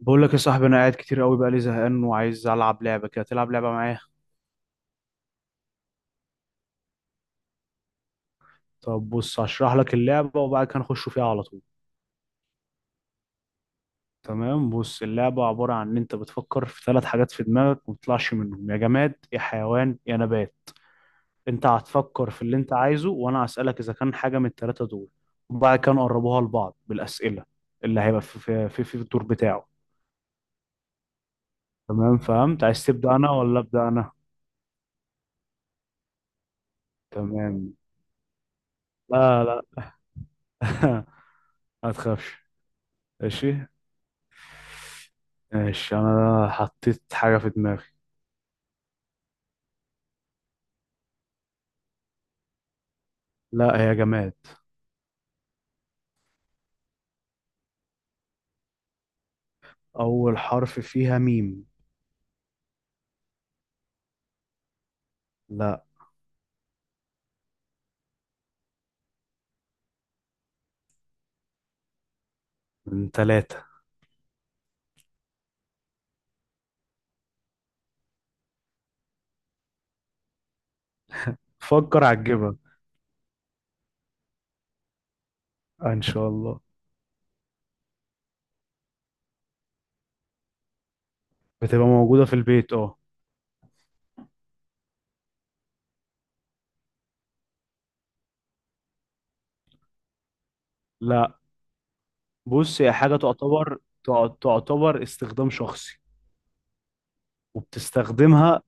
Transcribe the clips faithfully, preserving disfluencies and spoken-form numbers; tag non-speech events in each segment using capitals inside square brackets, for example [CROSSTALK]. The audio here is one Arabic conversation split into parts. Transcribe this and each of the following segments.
بقول لك يا صاحبي انا قاعد كتير قوي بقى لي زهقان وعايز العب لعبه كده تلعب لعبه معايا. طب بص هشرح لك اللعبه وبعد كده نخش فيها على طول. تمام بص اللعبه عباره عن ان انت بتفكر في ثلاث حاجات في دماغك وما بتطلعش منهم يا جماد يا حيوان يا نبات. انت هتفكر في اللي انت عايزه وانا هسالك اذا كان حاجه من الثلاثه دول. وبعد كده نقربوها لبعض بالاسئله اللي هيبقى في في في, في الدور بتاعه. تمام فهمت، عايز تبدا انا ولا ابدا انا. تمام. لا لا. [LAUGHS] ما تخافش. ماشي. ماشي انا حطيت حاجة في دماغي. لا هي جماد. اول حرف فيها ميم. لا. من ثلاثة. فكر هتجيبها ان شاء الله. بتبقى موجودة في البيت اه. لا بص هي حاجة تعتبر، تع- تعتبر استخدام شخصي وبتستخدمها.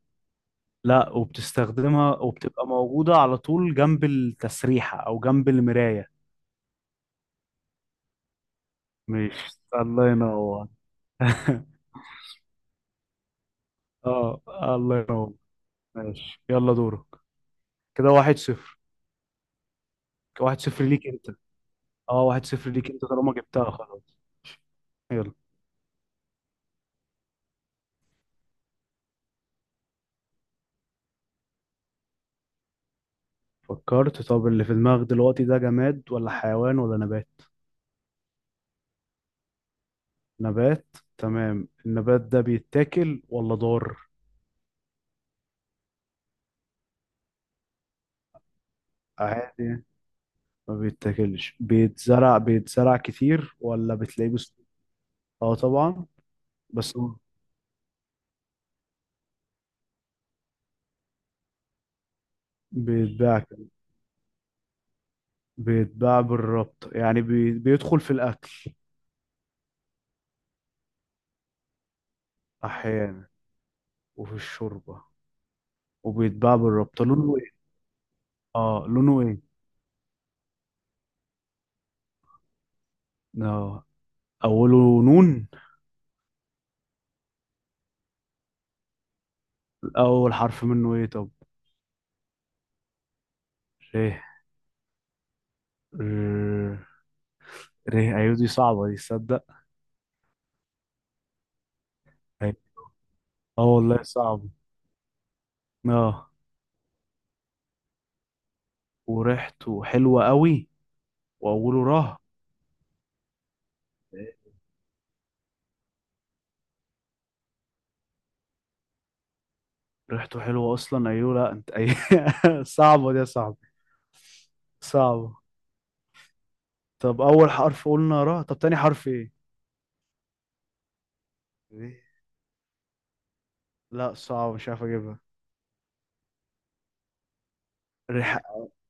لا وبتستخدمها وبتبقى موجودة على طول جنب التسريحة او جنب المراية. ماشي الله ينور. [LAUGHS] اه الله ينور. ماشي يلا دورك. كده واحد صفر. واحد صفر ليك انت. اه واحد صفر ليك انت طالما جبتها خلاص. يلا. فكرت. طب اللي في دماغك دلوقتي ده جماد ولا حيوان ولا نبات؟ نبات. تمام، النبات ده بيتاكل ولا ضار؟ عادي ما بيتاكلش. بيتزرع بيتزرع كتير ولا بتلاقيه بس؟ اه طبعا. بس هو بيتباع كمان. بيتباع بالربط يعني بي... بيدخل في الاكل. احيانا، وفي الشوربه. وبيتباع بالربط، لونه ايه؟ اه لونه ايه. اه أوله نون. أول حرف منه إيه طب؟ ريه. ر- ريه أيوة. دي صعبة دي، تصدق. أيوة. اه والله صعب. اه وريحته حلوة قوي. وأوله راه. ريحته حلوة أصلا أيوة. لا أنت أي. [LAUGHS] صعبة دي يا صاحبي. صعبة. طب أول حرف قلنا راه، طب تاني حرف إيه؟ ريه. لا صعب مش عارف أجيبها. ريح.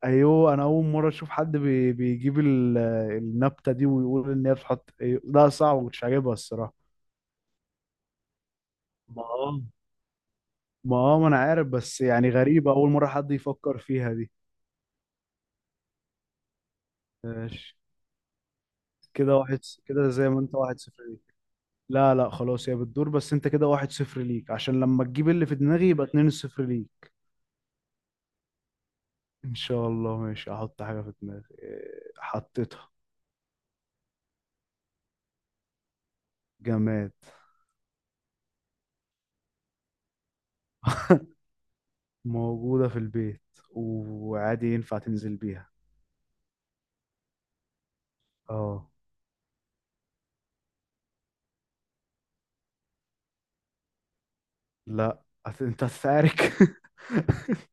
أيوة أنا أول مرة أشوف حد بي... بيجيب ال... النبتة دي ويقول إن هي بتحط أيوة. لا صعب مش عاجبها الصراحة. ما اه ما اه ما انا عارف بس يعني غريبة اول مرة حد يفكر فيها دي. ماشي كده واحد. كده زي ما انت واحد صفر ليك. لا لا خلاص هي بتدور، بس انت كده واحد صفر ليك عشان لما تجيب اللي في دماغي يبقى اتنين صفر ليك. ان شاء الله. ماشي احط حاجة في دماغي إيه، حطيتها. جماد. موجودة في البيت وعادي ينفع تنزل بيها اه. لا هت- انت هتتعارك. [LAUGHS]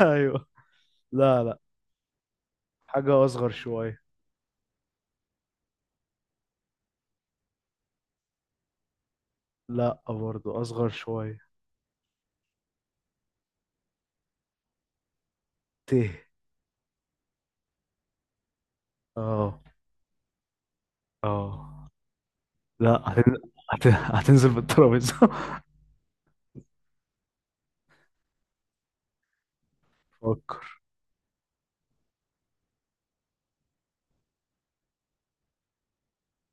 ايوه. لا لا. حاجة اصغر شوية. لا برضو اصغر شوية. ت. اه اه. لا هتن... هت... هتنزل بالترابيزة. [LAUGHS] فكر.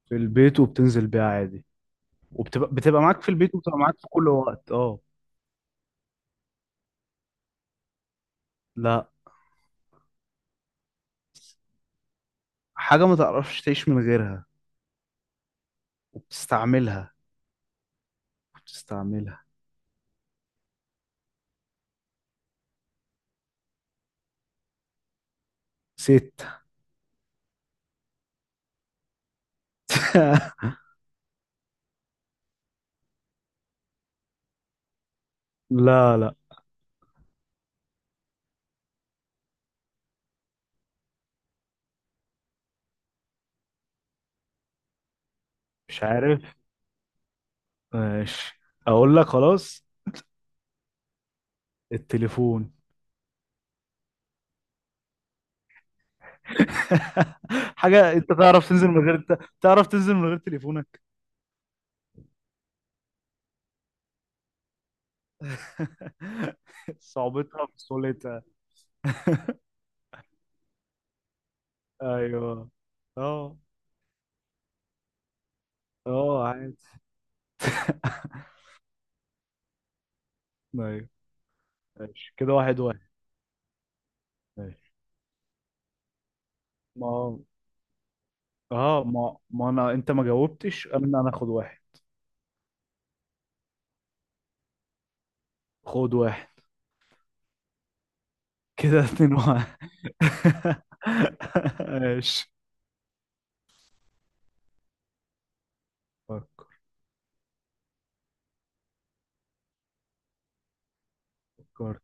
في البيت وبتنزل بيها عادي. وبتبقى بتبقى معاك في البيت وبتبقى معاك في كل وقت اه. لا حاجة ما تعرفش تعيش من غيرها وبتستعملها. بتستعملها. ست. [LAUGHS] لا لا مش عارف. ماشي اقول لك خلاص. التليفون. [LAUGHS] حاجة انت تعرف تنزل من غير. تعرف تنزل من غير تليفونك. [LAUGHS] صعوبتها في سهولتها. [LAUGHS] ايوه. اه اه عادي. [LAUGHS] ايوه. ماشي كده واحد واحد. ماشي. ما هو- اه ما ما انا، انت ما جاوبتش، انا انا اخد واحد. خد واحد. كده [LAUGHS] اتنين واحد. [LAUGHS] ماشي. فكر. فكر.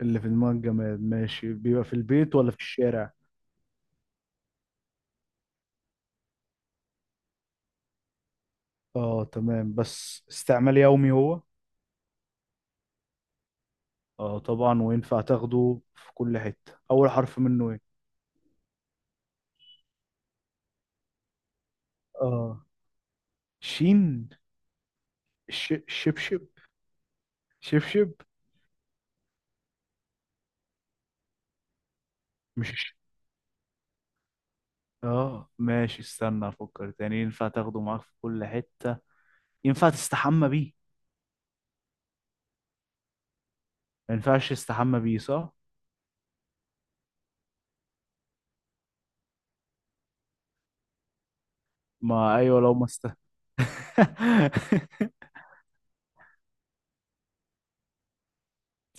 اللي في دماغك جماد ماشي، بيبقى في البيت ولا في الشارع؟ اه تمام بس استعمال يومي هو. اه طبعا، وينفع تاخده في كل حتة. اول حرف منه ايه؟ اه شين. ش... شبشب. شبشب. مش الش- اه ماشي استنى افكر تاني. ينفع تاخده معاك في كل حتة. ينفع تستحمى بيه. ما ينفعش تستحمى بيه صح. ما ايوه لو ما است [LAUGHS]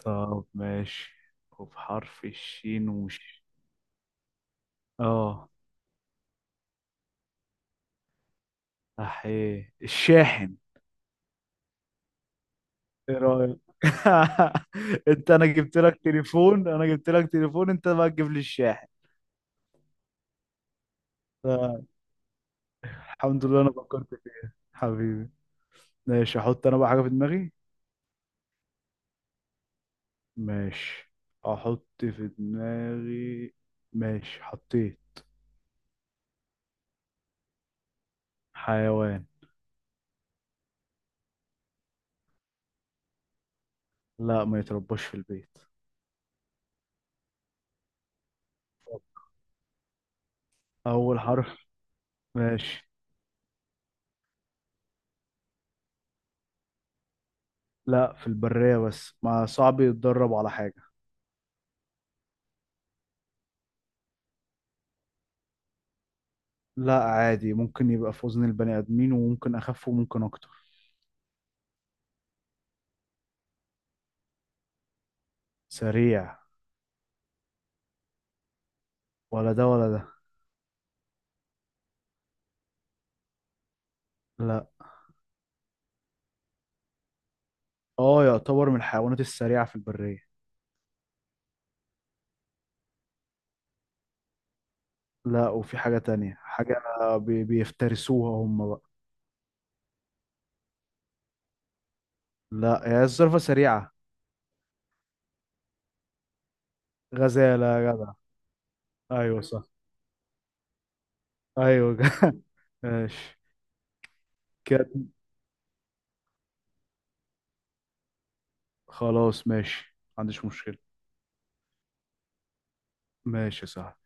طب ماشي. وبحرف الشين وش. اه احيه الشاحن. ايه رأيك؟ [LAUGHS] انت انا جبت لك تليفون، انا جبت لك تليفون، انت بقى تجيب لي الشاحن. آه، الحمد لله انا فكرت فيك حبيبي. ماشي احط انا بقى حاجة في دماغي. ماشي احط في دماغي. ماشي حطيت. حيوان. لا ما يترباش في البيت. اول حرف ماشي. لا في البرية بس، ما صعب يتدرب على حاجة. لا عادي ممكن يبقى في وزن البني ادمين وممكن اخف وممكن اكتر. سريع. ولا ده ولا ده. لا. اه يعتبر من الحيوانات السريعة في البرية. لا وفي حاجة تانية، حاجة بي- بيفترسوها هم بقى. لا هي الزرافة سريعة. غزالة يا جدع. ايوه صح. ايوه [LAUGHS] ماشي. كات. خلاص ماشي ما عنديش مشكلة. ماشي صح.